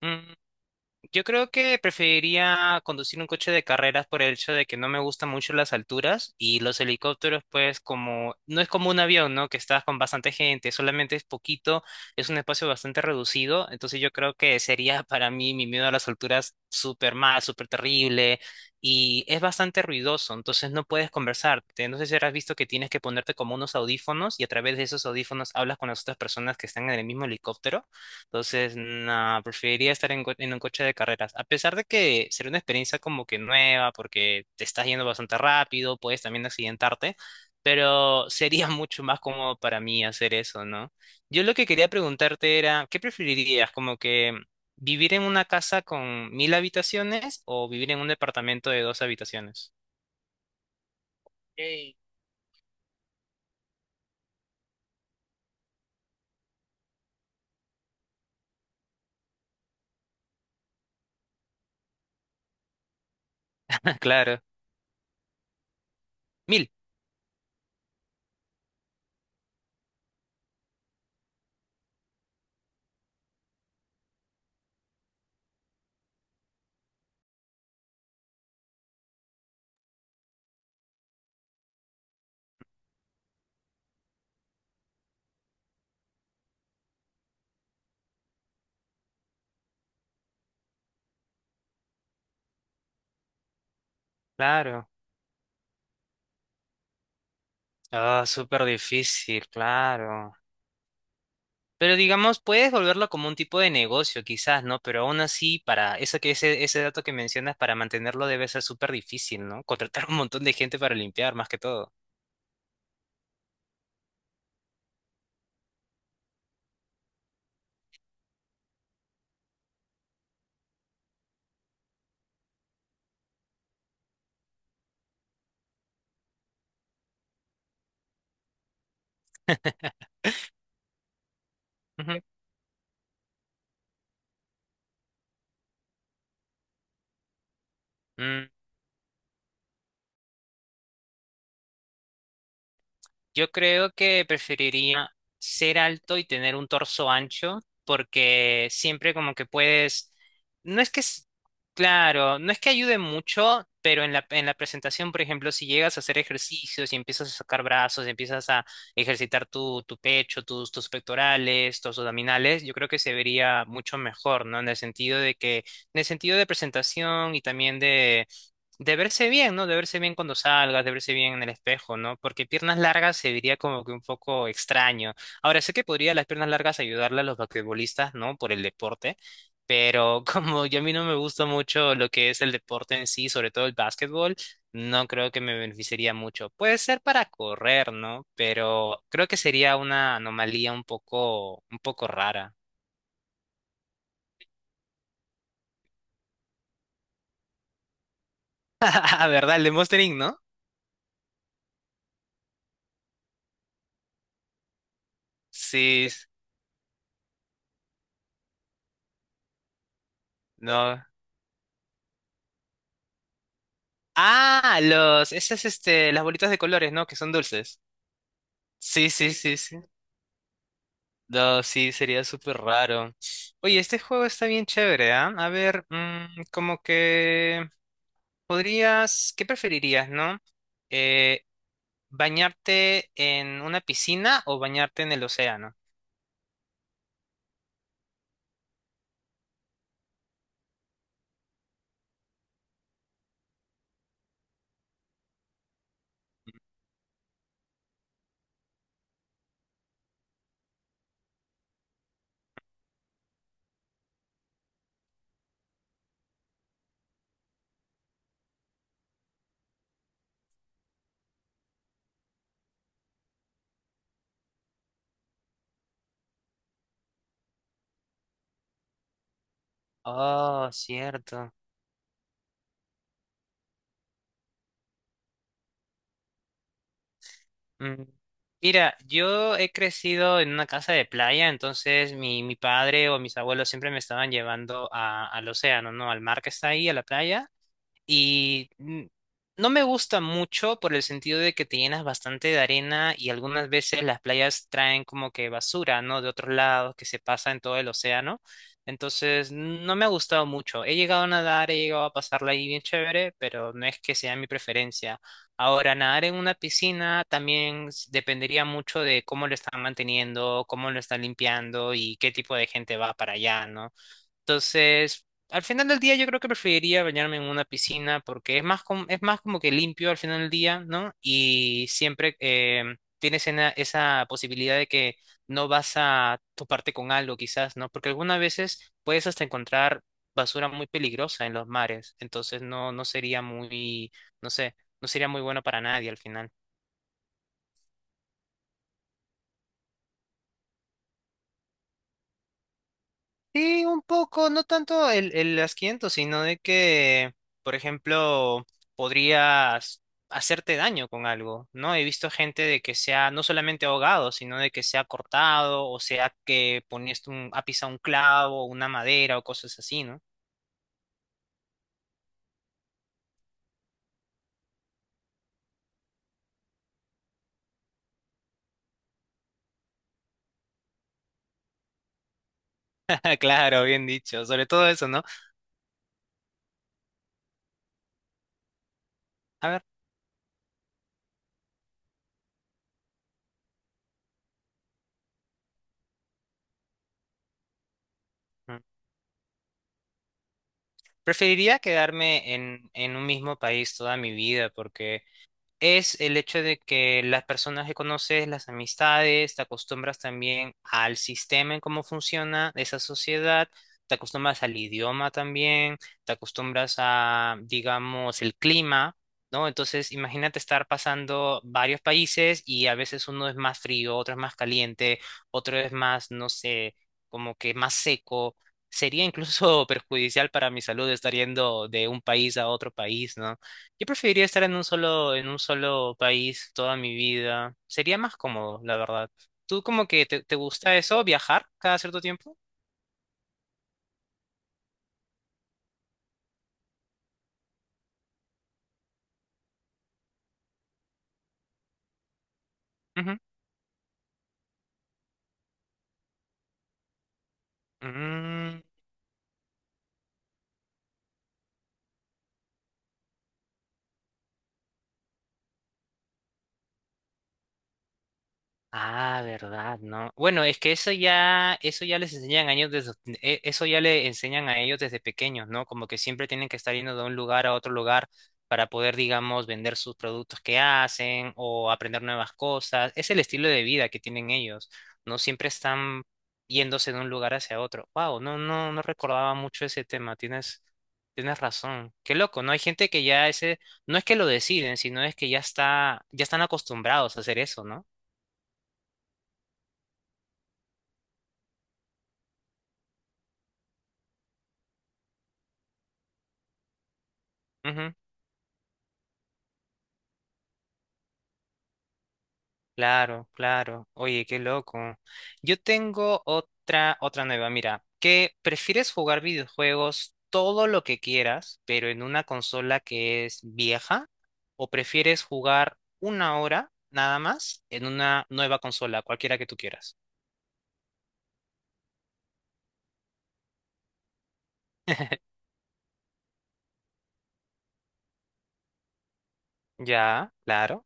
Mm. Yo creo que preferiría conducir un coche de carreras por el hecho de que no me gustan mucho las alturas y los helicópteros, pues como no es como un avión, ¿no? Que estás con bastante gente, solamente es poquito, es un espacio bastante reducido, entonces yo creo que sería para mí mi miedo a las alturas súper mal, súper terrible y es bastante ruidoso, entonces no puedes conversarte. No sé si habrás visto que tienes que ponerte como unos audífonos y a través de esos audífonos hablas con las otras personas que están en el mismo helicóptero. Entonces, no, preferiría estar en un coche de carreras. A pesar de que será una experiencia como que nueva, porque te estás yendo bastante rápido, puedes también accidentarte, pero sería mucho más cómodo para mí hacer eso, ¿no? Yo lo que quería preguntarte era, ¿qué preferirías? Como que vivir en una casa con 1.000 habitaciones o vivir en un departamento de dos habitaciones. Claro. Mil. Claro. Ah, súper difícil, claro. Pero digamos, puedes volverlo como un tipo de negocio, quizás, ¿no? Pero aún así, para eso que ese dato que mencionas, para mantenerlo debe ser súper difícil, ¿no? Contratar un montón de gente para limpiar, más que todo. Ujú. Mm. Yo creo que preferiría ser alto y tener un torso ancho, porque siempre como que puedes, no es que, claro, no es que ayude mucho, pero en la presentación, por ejemplo, si llegas a hacer ejercicios y empiezas a sacar brazos, empiezas a ejercitar tu pecho, tus pectorales, tus abdominales, yo creo que se vería mucho mejor, ¿no? En el sentido de que, en el sentido de presentación y también de verse bien, ¿no? De verse bien cuando salgas, de verse bien en el espejo, ¿no? Porque piernas largas se vería como que un poco extraño. Ahora, sé que podría las piernas largas ayudarle a los basquetbolistas, ¿no? Por el deporte, pero como yo a mí no me gusta mucho lo que es el deporte en sí, sobre todo el básquetbol, no creo que me beneficiaría mucho. Puede ser para correr, ¿no? Pero creo que sería una anomalía un poco rara. Ah, ¿verdad? El de Monster Inc, ¿no? Sí, no. Ah, los, esas, este, las bolitas de colores, ¿no? Que son dulces. Sí, sí, sí, sí. No, sí, sería súper raro. Oye, este juego está bien chévere, ¿ah? A ver, como que podrías, ¿qué preferirías, no? Eh, ¿Bañarte en una piscina o bañarte en el océano? Oh, cierto. Mm, Mira, yo he crecido en una casa de playa, entonces mi padre o mis abuelos siempre me estaban llevando al océano, ¿no? Al mar que está ahí, a la playa. Y no me gusta mucho por el sentido de que te llenas bastante de arena y algunas veces las playas traen como que basura, ¿no? De otros lados que se pasa en todo el océano. Entonces, no me ha gustado mucho. He llegado a nadar, he llegado a pasarla ahí bien chévere, pero no es que sea mi preferencia. Ahora, nadar en una piscina también dependería mucho de cómo lo están manteniendo, cómo lo están limpiando y qué tipo de gente va para allá, ¿no? Entonces, al final del día yo creo que preferiría bañarme en una piscina porque es más, es más como que limpio al final del día, ¿no? Y siempre tienes esa posibilidad de que no vas a toparte con algo quizás, ¿no? Porque algunas veces puedes hasta encontrar basura muy peligrosa en los mares, entonces no, no sería muy, no sé, no sería muy bueno para nadie al final. Sí, un poco, no tanto el asquiento, sino de que, por ejemplo, podrías hacerte daño con algo, ¿no? He visto gente de que se ha no solamente ahogado, sino de que se ha cortado, o sea, que ponías un, ha pisado un clavo, una madera o cosas así, ¿no? Claro, bien dicho, sobre todo eso, ¿no? A ver, mm, preferiría quedarme en un mismo país toda mi vida, porque es el hecho de que las personas que conoces, las amistades, te acostumbras también al sistema en cómo funciona esa sociedad, te acostumbras al idioma también, te acostumbras a, digamos, el clima, ¿no? Entonces, imagínate estar pasando varios países y a veces uno es más frío, otro es más caliente, otro es más, no sé, como que más seco. Sería incluso perjudicial para mi salud estar yendo de un país a otro país, ¿no? Yo preferiría estar en un solo país toda mi vida. Sería más cómodo, la verdad. ¿Tú como que te gusta eso, viajar cada cierto tiempo? Ujú. Mm. Ah, verdad, ¿no? Bueno, es que eso ya les enseñan a ellos desde, eso ya le enseñan a ellos desde pequeños, ¿no? Como que siempre tienen que estar yendo de un lugar a otro lugar para poder, digamos, vender sus productos que hacen o aprender nuevas cosas. Es el estilo de vida que tienen ellos, ¿no? Siempre están yéndose de un lugar hacia otro. Wow, no, no, no recordaba mucho ese tema. Tienes razón. Qué loco, ¿no? Hay gente que ya ese, no es que lo deciden, sino es que ya está, ya están acostumbrados a hacer eso, ¿no? Claro, claro. Oye, qué loco. Yo tengo otra nueva. Mira, que prefieres jugar videojuegos todo lo que quieras, pero en una consola que es vieja, o prefieres jugar 1 hora nada más en una nueva consola, cualquiera que tú quieras. Ya, claro.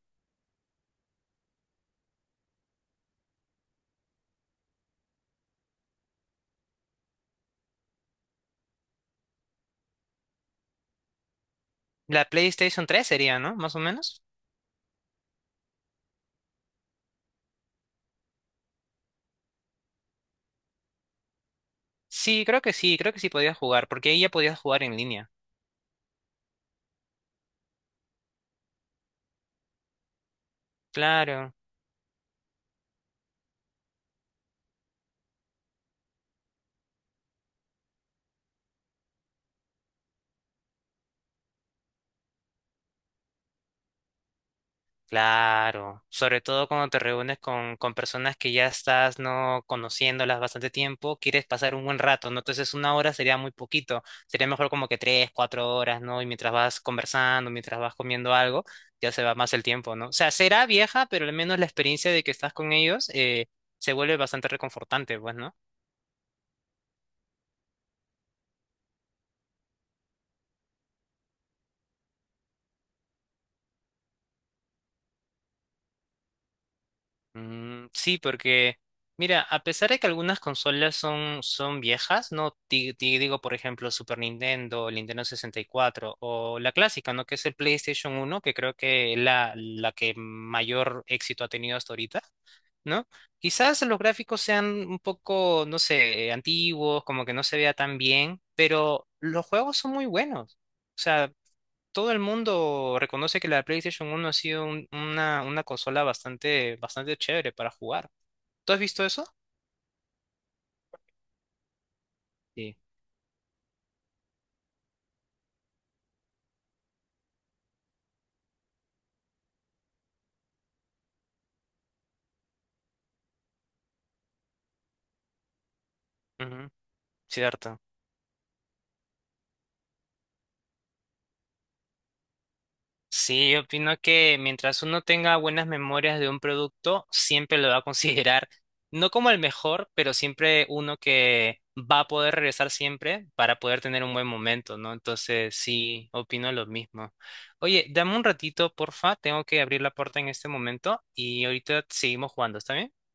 La PlayStation 3 sería, ¿no? Más o menos. Sí, creo que sí, creo que sí podías jugar, porque ahí ya podías jugar en línea. Claro. Claro, sobre todo cuando te reúnes con personas que ya estás no conociéndolas bastante tiempo, quieres pasar un buen rato, ¿no? Entonces 1 hora sería muy poquito, sería mejor como que 3, 4 horas, ¿no? Y mientras vas conversando, mientras vas comiendo algo, ya se va más el tiempo, ¿no? O sea, será vieja, pero al menos la experiencia de que estás con ellos se vuelve bastante reconfortante, pues, ¿no? Mm, sí, porque, mira, a pesar de que algunas consolas son viejas, ¿no? Digo, por ejemplo, Super Nintendo, el Nintendo 64 o la clásica, ¿no? Que es el PlayStation 1, que creo que es la que mayor éxito ha tenido hasta ahorita, ¿no? Quizás los gráficos sean un poco, no sé, antiguos, como que no se vea tan bien, pero los juegos son muy buenos. O sea, todo el mundo reconoce que la PlayStation 1 ha sido una consola bastante, bastante chévere para jugar. ¿Tú has visto eso? Sí. Ujú. Cierto. Sí, yo opino que mientras uno tenga buenas memorias de un producto, siempre lo va a considerar, no como el mejor, pero siempre uno que va a poder regresar siempre para poder tener un buen momento, ¿no? Entonces, sí, opino lo mismo. Oye, dame un ratito, porfa, tengo que abrir la puerta en este momento y ahorita seguimos jugando, ¿está bien?